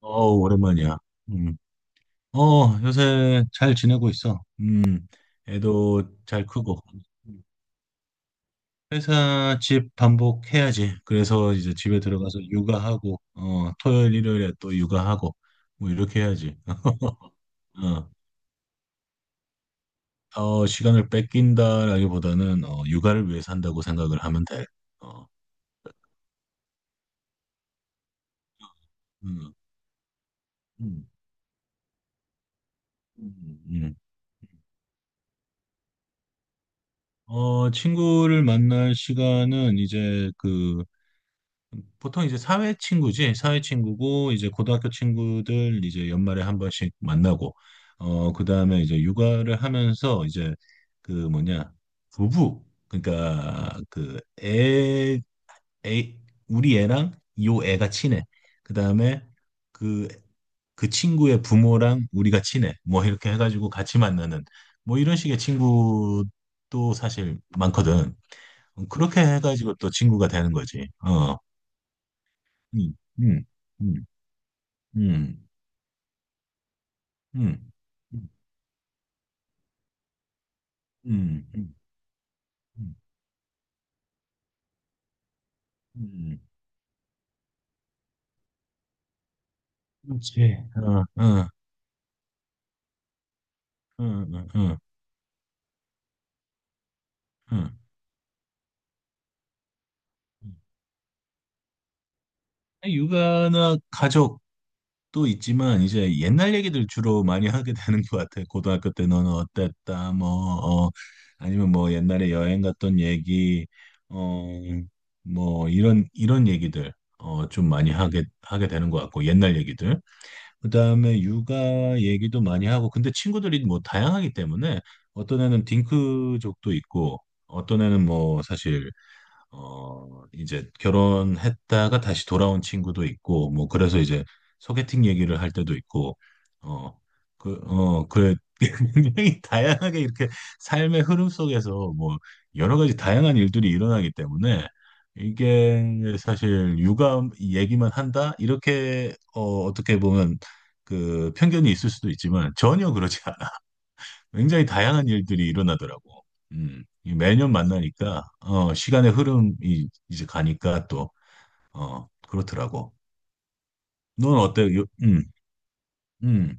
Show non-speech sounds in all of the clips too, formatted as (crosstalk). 어우, 오랜만이야. 음. 요새 잘 지내고 있어. 애도 잘 크고. 회사 집 반복해야지. 그래서 이제 집에 들어가서 육아하고, 토요일, 일요일에 또 육아하고, 뭐 이렇게 해야지. (laughs) 어, 더 시간을 뺏긴다라기보다는, 육아를 위해 산다고 생각을 하면 돼. 어, 음, 음, 음, 음. 친구를 만날 시간은 이제 보통 이제 사회 친구지, 사회 친구고, 이제 고등학교 친구들 이제 연말에 한 번씩 만나고, 그 다음에 이제 육아를 하면서 이제 그 뭐냐, 부부, 그러니까 애, 우리 애랑 요 애가 친해. 그 다음에 그, 그 친구의 부모랑 우리가 친해. 뭐 이렇게 해가지고 같이 만나는, 뭐 이런 식의 친구도 사실 많거든. 그렇게 해가지고 또 친구가 되는 거지. 어, 음, 음. 음. 음, 음, 음, 음, 음, 음, 음. 그렇지. 어, 어, 어, 어, 어, 어. 육아나 가족도 있지만 이제 옛날 얘기들 주로 많이 하게 되는 것 같아. 고등학교 때 너는 어땠다, 뭐, 어, 아니면 뭐 옛날에 여행 갔던 얘기, 어, 뭐 이런 얘기들 좀 많이 하게 되는 것 같고 옛날 얘기들. 그다음에 육아 얘기도 많이 하고 근데 친구들이 뭐 다양하기 때문에 어떤 애는 딩크족도 있고 어떤 애는 뭐 사실 이제 결혼했다가 다시 돌아온 친구도 있고, 뭐, 그래서 이제 소개팅 얘기를 할 때도 있고, 어, 그래, (laughs) 굉장히 다양하게 이렇게 삶의 흐름 속에서 뭐, 여러 가지 다양한 일들이 일어나기 때문에, 이게 사실 육아 얘기만 한다? 이렇게, 어떻게 보면 그 편견이 있을 수도 있지만, 전혀 그렇지 굉장히 다양한 일들이 일어나더라고. 이 매년 만나니까, 시간의 흐름이 이제 가니까 또, 그렇더라고. 넌 어때? 음,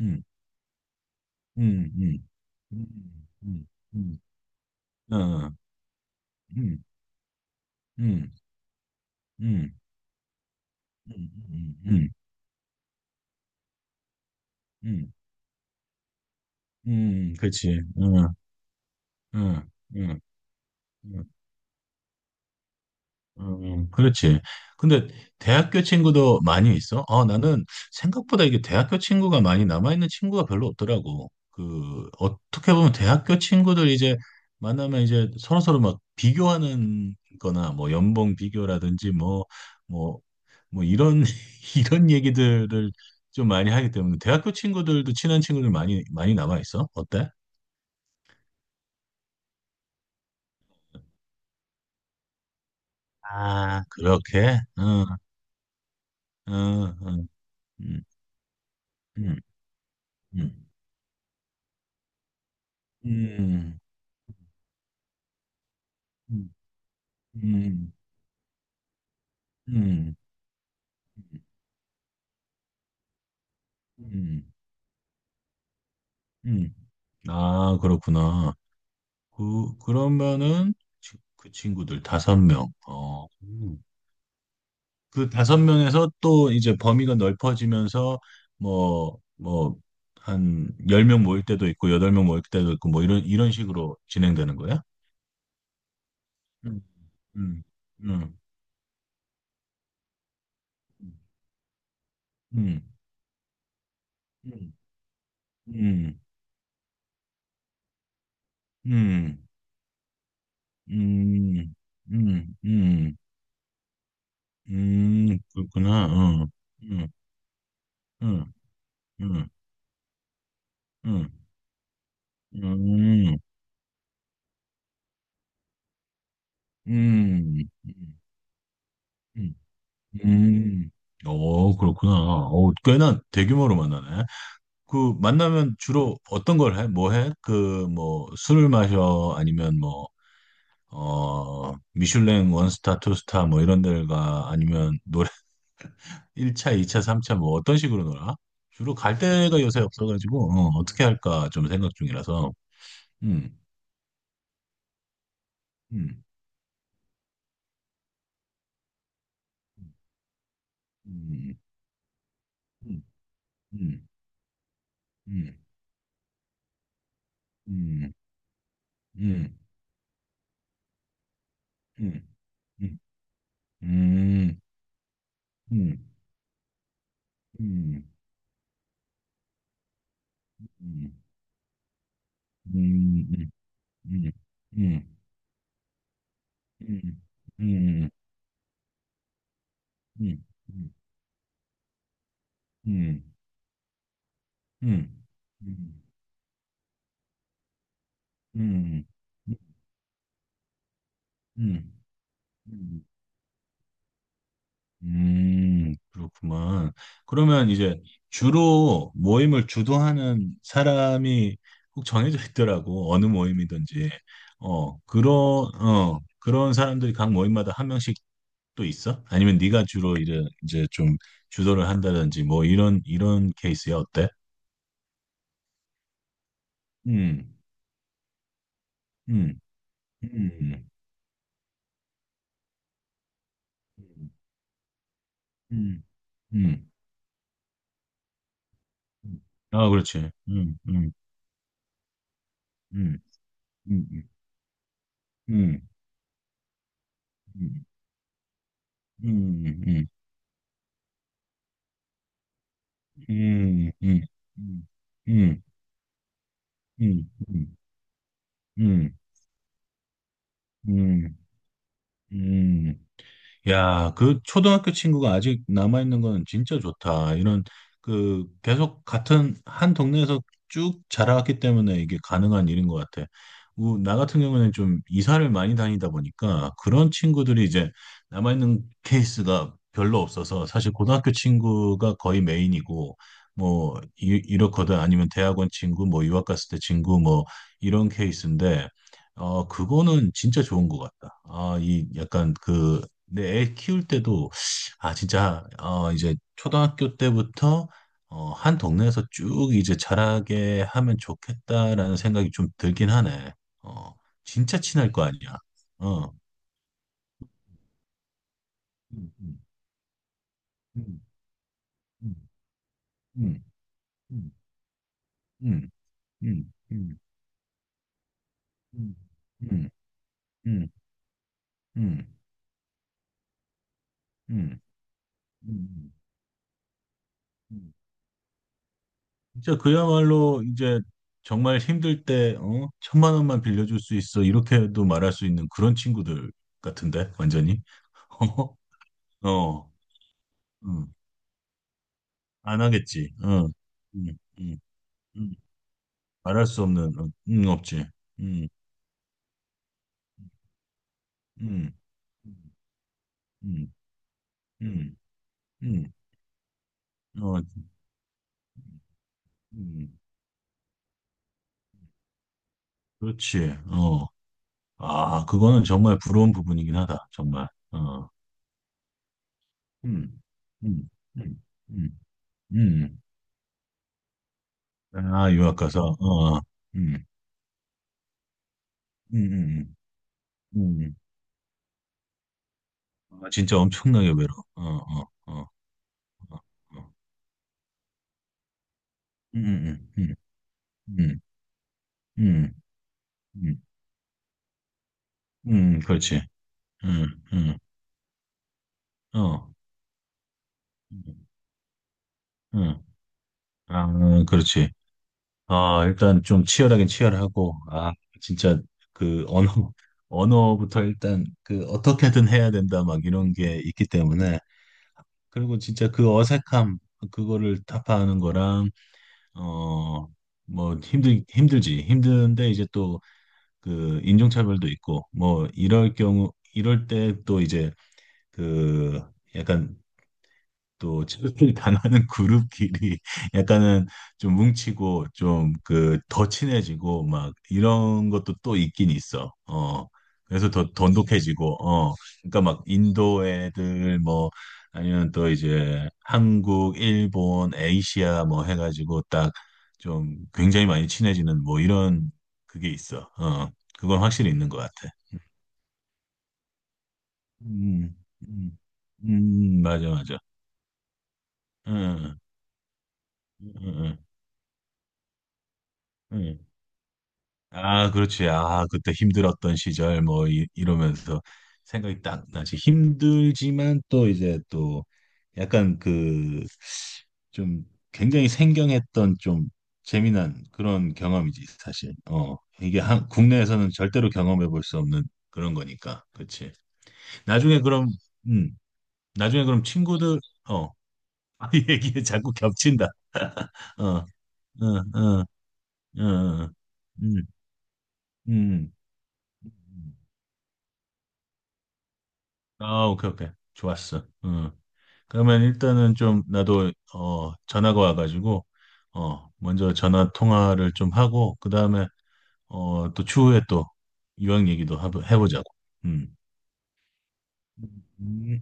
음, 음, 음, 음, 음, 음, 어, 어, 음, 음, 음, 음, 음, 음, 음, 음, 그렇지. 응, 응, 응. 그렇지. 근데 대학교 친구도 많이 있어? 아, 나는 생각보다 이게 대학교 친구가 많이 남아있는 친구가 별로 없더라고. 어떻게 보면 대학교 친구들 이제 만나면 이제 서로서로 막 비교하는 거나 뭐 연봉 비교라든지 뭐, 뭐 이런, (laughs) 이런 얘기들을 좀 많이 하기 때문에 대학교 친구들도 친한 친구들 많이 남아있어? 어때? 아, 그렇게? 응, 응, 응, 응, 응, 응. 음. 음, 음, 음, 음. 음. 아, 그렇구나. 그러면은 그 친구들 다섯 명. 어. 음. 그 다섯 명에서 또 이제 범위가 넓어지면서 뭐, 뭐, 한 열 명 모일 때도 있고, 여덟 명 모일 때도 있고, 뭐 이런 식으로 진행되는 거야? 음, 음, 음, 음, 음, 음, 음, 음, 음, 음, 그렇구나. 어. 음, 음, 음, 음, 음, 음, 음, 음. 어, 그렇구나. 어, 꽤나 대규모로 만나네. 그 만나면 주로 어떤 걸 해? 뭐 해? 그 뭐 술을 마셔? 아니면 뭐 어, 미슐랭 원스타, 투스타 뭐 이런 데를 가? 아니면 노래 (laughs) 1차, 2차, 3차 뭐 어떤 식으로 놀아? 주로 갈 데가 요새 없어가지고 어떻게 할까 좀 생각 중이라서. 음. 음. 응응응응응응응응응응응응응응응응응응응응응응응응응응응응응응응응응응 그렇구만. 그러면 이제 주로 모임을 주도하는 사람이 꼭 정해져 있더라고. 어느 모임이든지. 어, 그런, 그런 사람들이 각 모임마다 한 명씩 또 있어? 아니면 네가 주로 이제 좀 주도를 한다든지 뭐 이런 케이스야. 어때? 음, 음, 음, 음, 음, 음. 아, 그렇지. 음, 음, 음, 음, 음, 음, 음, 음. 음, 음, 음, 음, 음, 음, 음, 음, 음. 야, 그 초등학교 친구가 아직 남아있는 건 진짜 좋다. 계속 같은 한 동네에서 쭉 자라왔기 때문에 이게 가능한 일인 것 같아. 나 같은 경우는 좀 이사를 많이 다니다 보니까 그런 친구들이 이제 남아있는 케이스가 별로 없어서 사실 고등학교 친구가 거의 메인이고 뭐 이렇거든. 아니면 대학원 친구 뭐 유학 갔을 때 친구 뭐 이런 케이스인데 그거는 진짜 좋은 것 같다. 아, 이 약간 그 근데 애 키울 때도 아 진짜 이제 초등학교 때부터 한 동네에서 쭉 이제 자라게 하면 좋겠다라는 생각이 좀 들긴 하네. 어 진짜 친할 거 아니야. 어. 음, 음, 음, 음, 음, 음, 음, 음, 음, 음, 음, 음, 음, 음, 음, 음, 음, 진짜 그야말로 이제 정말 힘들 때, 어? 천만 원만 빌려줄 수 있어. 이렇게도 말할 수 있는 그런 친구들 같은데, 완전히. (laughs) 어, 어, 음, 안 하겠지. 응, 응, 응, 응. 말할 수 없는, 응, 응, 없지. 응, 응, 응, 응, 응, 응. 어, 음, 그렇지. 어. 아, 그거는 정말 부러운 부분이긴 하다. 정말. 어. 응, 응, 응, 응, 응. 아, 유학 가서, 어, 어. 음, 음, 음, 음, 음. 음. 아, 진짜 엄청나게 외로워. 어, 어, 어, 어, 어. 음, 음, 음, 음, 음, 음, 그렇지. 음, 음, 어, 음, 음. 아, 그렇지. 아, 일단 좀 치열하긴 치열하고, 아, 진짜 그 언어, 언어부터 일단 그 어떻게든 해야 된다, 막 이런 게 있기 때문에. 그리고 진짜 그 어색함, 그거를 타파하는 거랑, 어, 뭐, 힘들지. 힘든데, 이제 또, 인종차별도 있고, 뭐, 이럴 경우, 이럴 때 또 이제, 그, 약간 또 체육을 당하는 (laughs) 그룹끼리 약간은 좀 뭉치고 좀 그 더 친해지고 막 이런 것도 또 있긴 있어. 어. 그래서 더 돈독해지고 어. 그러니까 막 인도 애들 뭐 아니면 또 이제 한국, 일본, 에이시아 뭐 해가지고 딱 좀 굉장히 많이 친해지는 뭐 이런 그게 있어. 어. 그건 확실히 있는 것 같아. 음, 음, 맞아, 맞아. 응, 응, 응, 응. 아, 그렇지. 아, 그때 힘들었던 시절 뭐 이러면서 생각이 딱 나지. 힘들지만 또 이제 또 약간 그 좀 굉장히 생경했던 좀 재미난 그런 경험이지, 사실. 어, 이게 국내에서는 절대로 경험해 볼 수 없는 그런 거니까. 그렇지. 나중에 그럼 음, 나중에 그럼 친구들 어, (laughs) 얘기에 자꾸 겹친다. 어, 어, 어, 어, 어, 음, 음. 아, 오케이, 오케이. 좋았어. 음. 그러면 일단은 좀 나도 전화가 와가지고 먼저 전화 통화를 좀 하고 그 다음에 또 추후에 또 유학 얘기도 해보자고. 음. 음.